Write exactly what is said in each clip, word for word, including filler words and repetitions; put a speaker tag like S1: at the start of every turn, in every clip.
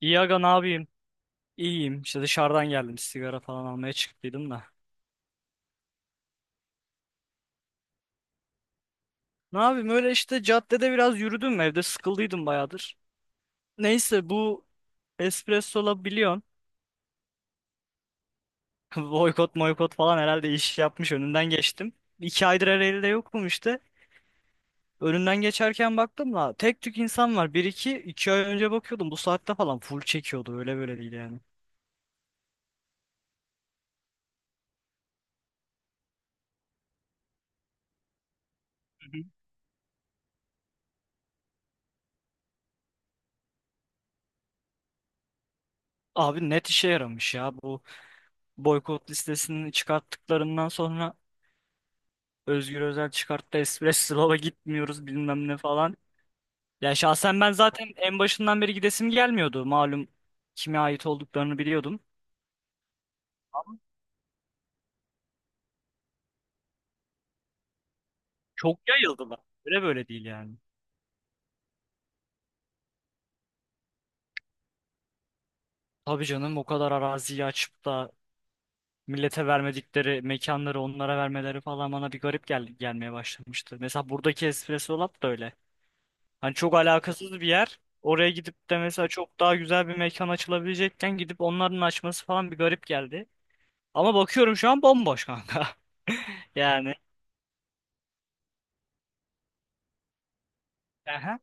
S1: İyi aga ne yapayım? İyiyim. İşte dışarıdan geldim. Sigara falan almaya çıktıydım da. Ne yapayım? Öyle işte caddede biraz yürüdüm. Evde sıkıldıydım bayağıdır. Neyse bu Espresso'la biliyorsun. Boykot boykot falan herhalde iş yapmış. Önünden geçtim. İki aydır Ereğli'de yokum işte. Önünden geçerken baktım da tek tük insan var. Bir iki, iki ay önce bakıyordum. Bu saatte falan full çekiyordu. Öyle böyle değil yani. Hı hı. Abi net işe yaramış ya bu boykot listesini çıkarttıklarından sonra Özgür Özel çıkarttı, Espresso'la gitmiyoruz bilmem ne falan. Ya şahsen ben zaten en başından beri gidesim gelmiyordu. Malum kime ait olduklarını biliyordum. Çok yayıldılar. Öyle böyle değil yani. Tabii canım, o kadar araziyi açıp da millete vermedikleri mekanları onlara vermeleri falan bana bir garip gel gelmeye başlamıştı. Mesela buradaki Espresso Lab da öyle. Hani çok alakasız bir yer. Oraya gidip de mesela çok daha güzel bir mekan açılabilecekken gidip onların açması falan bir garip geldi. Ama bakıyorum şu an bomboş kanka. Yani. Aha,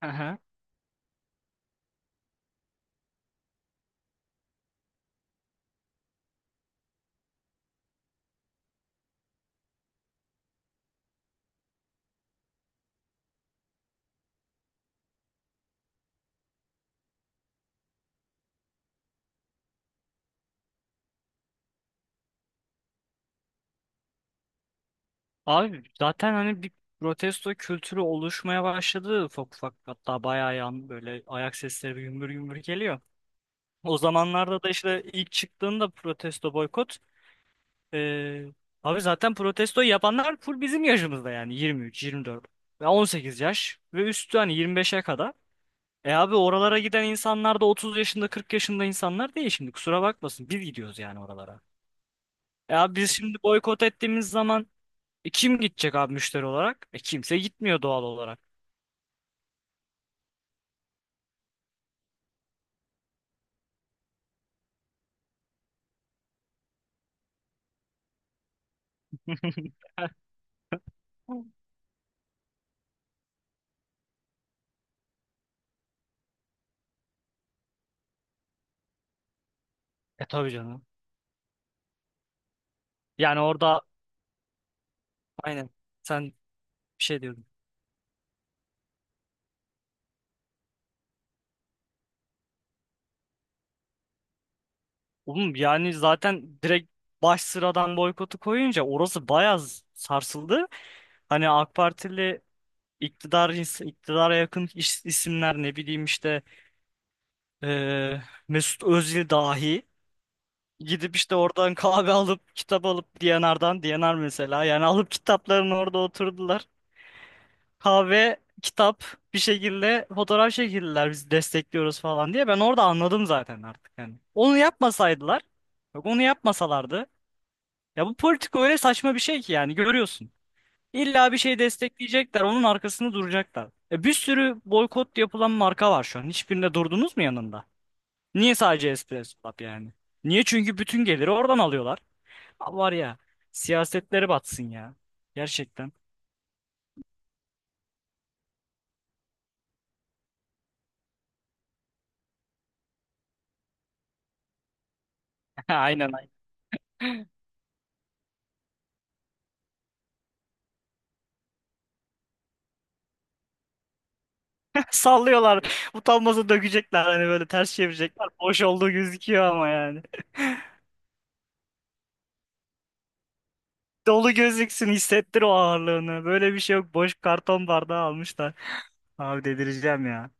S1: aha. Abi zaten hani bir protesto kültürü oluşmaya başladı ufak ufak, hatta bayağı yan böyle ayak sesleri bir gümbür gümbür geliyor. O zamanlarda da işte ilk çıktığında protesto boykot ee, abi zaten protesto yapanlar full bizim yaşımızda, yani yirmi üç, yirmi dört ve on sekiz yaş ve üstü, hani yirmi beşe kadar. E abi oralara giden insanlar da otuz yaşında kırk yaşında insanlar değil. Şimdi kusura bakmasın, biz gidiyoruz yani oralara. Ya biz şimdi boykot ettiğimiz zaman E kim gidecek abi müşteri olarak? E kimse gitmiyor doğal olarak. E tabii canım. Yani orada aynen sen bir şey diyordun. Oğlum, yani zaten direkt baş sıradan boykotu koyunca orası bayağı z- sarsıldı. Hani AK Partili iktidar ins- iktidara yakın is- isimler, ne bileyim işte eee, Mesut Özil dahi gidip işte oradan kahve alıp kitap alıp de ve re'dan, de ve re mesela yani, alıp kitaplarını orada oturdular. Kahve, kitap, bir şekilde fotoğraf çekildiler biz destekliyoruz falan diye. Ben orada anladım zaten artık yani. Onu yapmasaydılar, bak onu yapmasalardı. Ya bu politika öyle saçma bir şey ki, yani görüyorsun. İlla bir şey destekleyecekler, onun arkasını duracaklar. E bir sürü boykot yapılan marka var şu an. Hiçbirinde durdunuz mu yanında? Niye sadece Espresso Lab yani? Niye? Çünkü bütün geliri oradan alıyorlar. Ha, var ya, siyasetleri batsın ya. Gerçekten. Aynen. Sallıyorlar. Utanmasa dökecekler, hani böyle ters çevirecekler. Boş olduğu gözüküyor ama yani. Dolu gözüksün, hissettir o ağırlığını. Böyle bir şey yok. Boş karton bardağı almışlar. Abi delireceğim ya.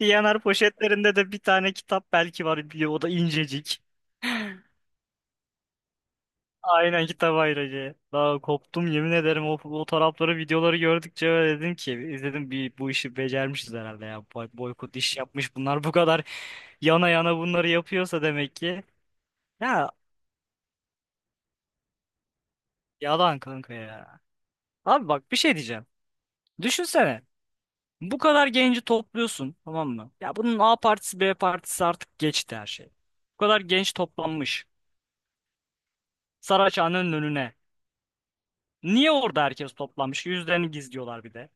S1: Diyaner poşetlerinde de bir tane kitap belki var. Bir- O da incecik. Aynen kitap ayracı. Daha koptum yemin ederim o fotoğrafları videoları gördükçe. Öyle dedim ki, izledim bir, bu işi becermişiz herhalde ya. Boy- boykot iş yapmış, bunlar bu kadar yana yana bunları yapıyorsa demek ki, ya yalan kanka ya. Abi bak bir şey diyeceğim. Düşünsene. Bu kadar genci topluyorsun, tamam mı? Ya bunun A partisi B partisi artık geçti, her şey. Bu kadar genç toplanmış Saraçhane'nin önüne. Niye orada herkes toplanmış? Yüzlerini gizliyorlar bir de.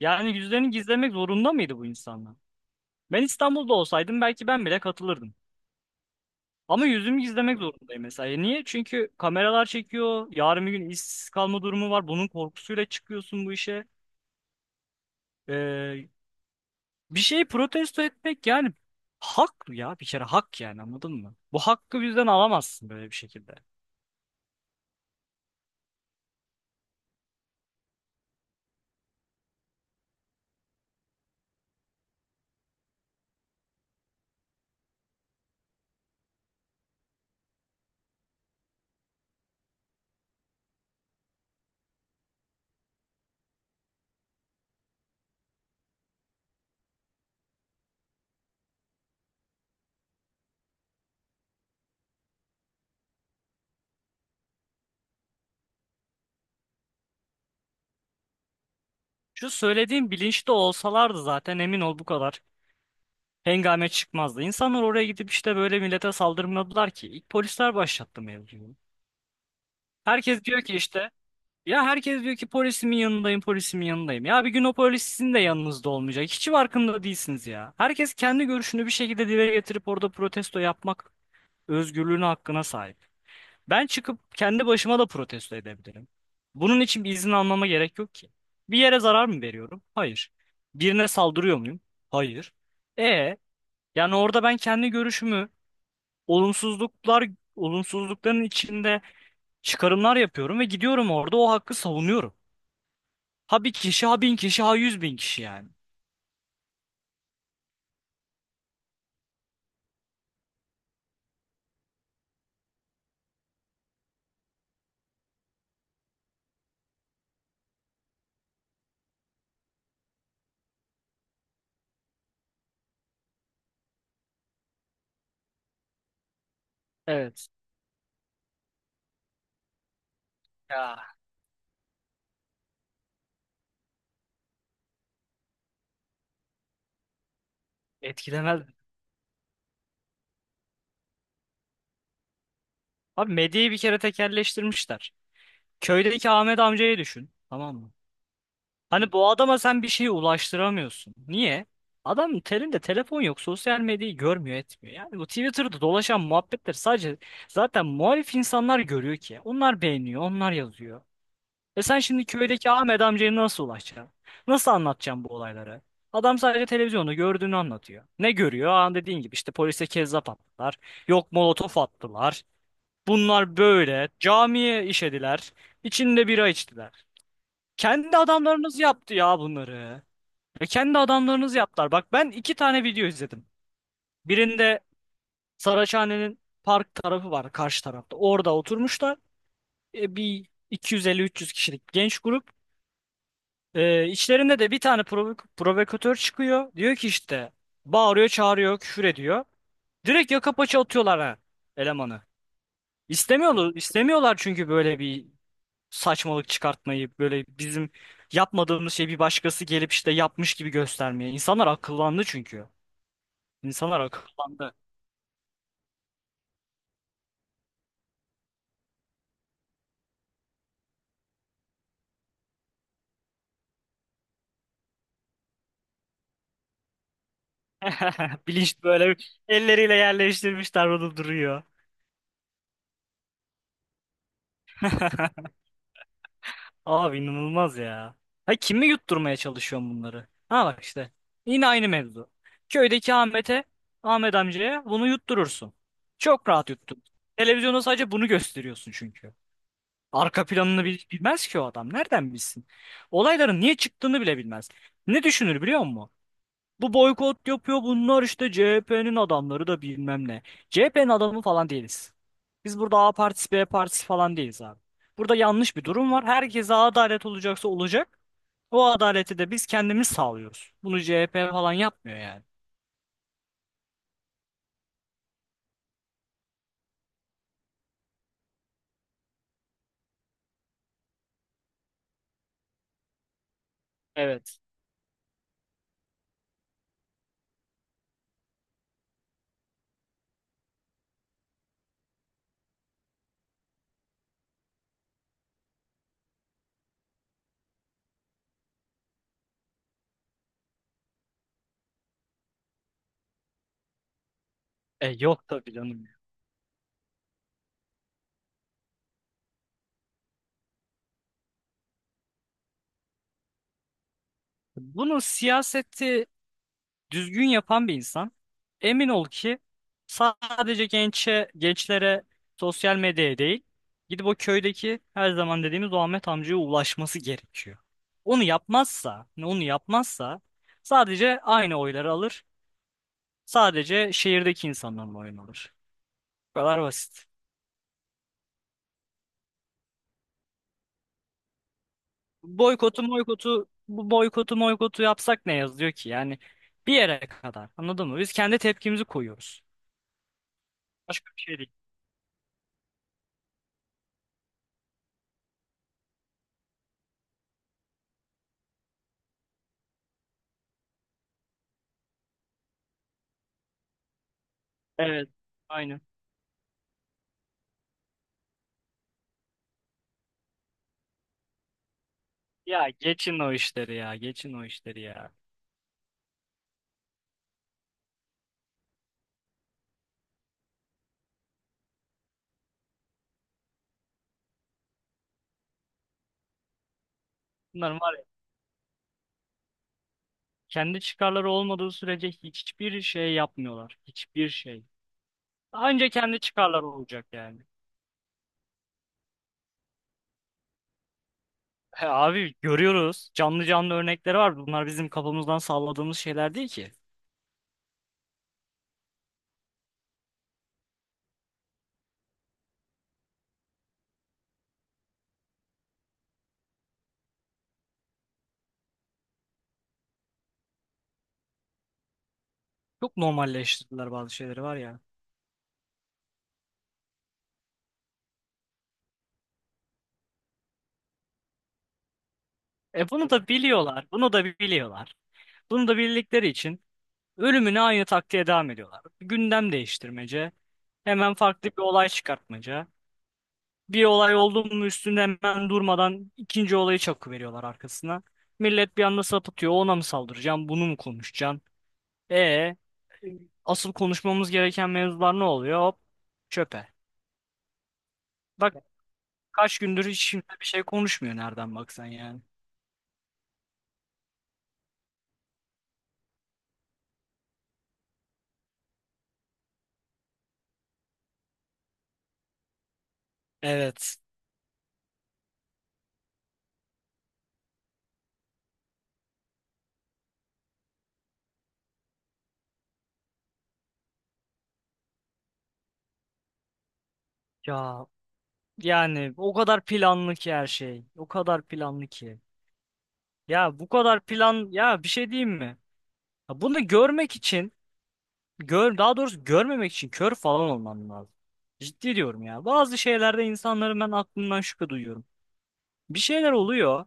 S1: Yani yüzlerini gizlemek zorunda mıydı bu insanlar? Ben İstanbul'da olsaydım belki ben bile katılırdım. Ama yüzümü gizlemek zorundayım mesela. E niye? Çünkü kameralar çekiyor. Yarın bir gün işsiz kalma durumu var. Bunun korkusuyla çıkıyorsun bu işe. Ee, Bir şeyi protesto etmek yani hak ya, bir kere hak, yani anladın mı? Bu hakkı bizden alamazsın böyle bir şekilde. Şu söylediğim bilinçli olsalardı zaten, emin ol bu kadar hengame çıkmazdı. İnsanlar oraya gidip işte böyle millete saldırmadılar ki. İlk polisler başlattı mevzuyu. Herkes diyor ki işte ya herkes diyor ki polisimin yanındayım, polisimin yanındayım. Ya bir gün o polis sizin de yanınızda olmayacak. Hiç farkında değilsiniz ya. Herkes kendi görüşünü bir şekilde dile getirip orada protesto yapmak özgürlüğüne, hakkına sahip. Ben çıkıp kendi başıma da protesto edebilirim. Bunun için bir izin almama gerek yok ki. Bir yere zarar mı veriyorum? Hayır. Birine saldırıyor muyum? Hayır. E yani orada ben kendi görüşümü, olumsuzluklar olumsuzlukların içinde çıkarımlar yapıyorum ve gidiyorum orada o hakkı savunuyorum. Ha bir kişi, ha bin kişi, ha yüz bin kişi, yani. Evet. Ya etkilemez. Abi medyayı bir kere tekelleştirmişler. Köydeki Ahmet amcayı düşün. Tamam mı? Hani bu adama sen bir şey ulaştıramıyorsun. Niye? Adam telinde telefon yok, sosyal medyayı görmüyor, etmiyor. Yani bu Twitter'da dolaşan muhabbetler sadece zaten muhalif insanlar görüyor ki. Onlar beğeniyor, onlar yazıyor. E sen şimdi köydeki Ahmet amcaya nasıl ulaşacaksın? Nasıl anlatacaksın bu olayları? Adam sadece televizyonda gördüğünü anlatıyor. Ne görüyor? Aa, dediğin gibi işte polise kezzap attılar. Yok molotof attılar. Bunlar böyle. Camiye işediler. İçinde bira içtiler. Kendi adamlarınız yaptı ya bunları. Ve kendi adamlarınız yaptılar. Bak ben iki tane video izledim. Birinde Saraçhane'nin park tarafı var karşı tarafta. Orada oturmuşlar. E, bir iki yüz elli üç yüz kişilik genç grup. E, içlerinde de bir tane provok- provokatör çıkıyor. Diyor ki işte, bağırıyor, çağırıyor, küfür ediyor. Direkt yaka paça atıyorlar ha elemanı. İstemiyorlar, istemiyorlar çünkü böyle bir saçmalık çıkartmayı, böyle bizim yapmadığımız şeyi bir başkası gelip işte yapmış gibi göstermeye. İnsanlar akıllandı çünkü. İnsanlar akıllandı. Bilinç böyle elleriyle yerleştirmişler, burada duruyor. Abi inanılmaz ya. Ha kimi yutturmaya çalışıyorsun bunları? Ha bak işte. Yine aynı mevzu. Köydeki Ahmet'e, Ahmet amcaya bunu yutturursun. Çok rahat yuttun. Televizyonda sadece bunu gösteriyorsun çünkü. Arka planını bil- bilmez ki o adam. Nereden bilsin? Olayların niye çıktığını bile bilmez. Ne düşünür biliyor musun? Bu boykot yapıyor bunlar, işte C H P'nin adamları da, bilmem ne. C H P'nin adamı falan değiliz. Biz burada A partisi B partisi falan değiliz abi. Burada yanlış bir durum var. Herkese adalet olacaksa olacak. O adaleti de biz kendimiz sağlıyoruz. Bunu C H P falan yapmıyor yani. Evet. E yok tabii canım. Bunun siyaseti düzgün yapan bir insan, emin ol ki, sadece gençe, gençlere, sosyal medyaya değil, gidip o köydeki her zaman dediğimiz o Ahmet amcaya ulaşması gerekiyor. Onu yapmazsa, onu yapmazsa sadece aynı oyları alır. Sadece şehirdeki insanların oyunu alır. Bu kadar basit. Boykotu boykotu Bu boykotu boykotu yapsak ne yazıyor ki? Yani bir yere kadar. Anladın mı? Biz kendi tepkimizi koyuyoruz. Başka bir şey değil. Evet. Aynen. Ya geçin o işleri ya, geçin o işleri ya. Bunların var ya, kendi çıkarları olmadığı sürece hiçbir şey yapmıyorlar. Hiçbir şey. Anca kendi çıkarları olacak yani. He abi görüyoruz. Canlı canlı örnekleri var. Bunlar bizim kafamızdan salladığımız şeyler değil ki. Çok normalleştirdiler bazı şeyleri var ya. E bunu da biliyorlar. Bunu da biliyorlar. Bunu da bildikleri için ölümüne aynı taktiğe devam ediyorlar. Gündem değiştirmece. Hemen farklı bir olay çıkartmaca. Bir olay oldu mu üstünde hemen durmadan ikinci olayı çakıveriyorlar arkasına. Millet bir anda sapıtıyor. Ona mı saldıracaksın? Bunu mu konuşacaksın? E asıl konuşmamız gereken mevzular ne oluyor? Hop, çöpe. Bak kaç gündür hiç kimse bir şey konuşmuyor nereden baksan yani. Evet. Ya yani o kadar planlı ki her şey. O kadar planlı ki. Ya bu kadar plan, ya bir şey diyeyim mi? Ya bunu görmek için Gör, daha doğrusu görmemek için kör falan olman lazım. Ciddi diyorum ya. Bazı şeylerde insanların, ben aklımdan şüphe duyuyorum. Bir şeyler oluyor.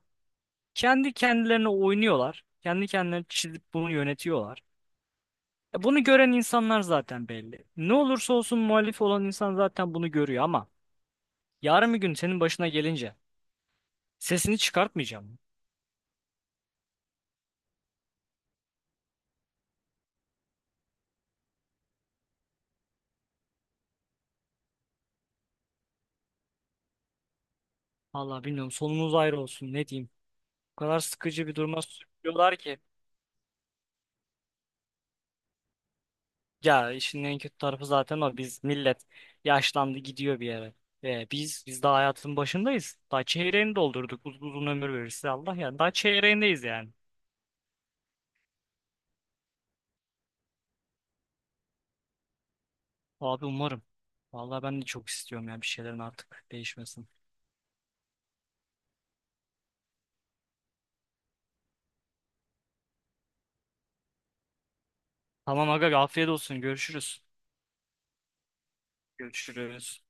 S1: Kendi kendilerine oynuyorlar. Kendi kendilerine çizip bunu yönetiyorlar. E bunu gören insanlar zaten belli. Ne olursa olsun muhalif olan insan zaten bunu görüyor ama yarın bir gün senin başına gelince sesini çıkartmayacağım. Vallahi bilmiyorum, sonumuz ayrı olsun ne diyeyim. O kadar sıkıcı bir duruma sürüyorlar ki. Ya işin en kötü tarafı zaten o. Biz millet yaşlandı gidiyor bir yere. Ee, biz biz daha hayatın başındayız. Daha çeyreğini doldurduk. Uz- uzun ömür verirse Allah ya. Daha çeyreğindeyiz yani. Abi umarım. Vallahi ben de çok istiyorum ya bir şeylerin artık değişmesin. Tamam aga, afiyet olsun. Görüşürüz. Görüşürüz.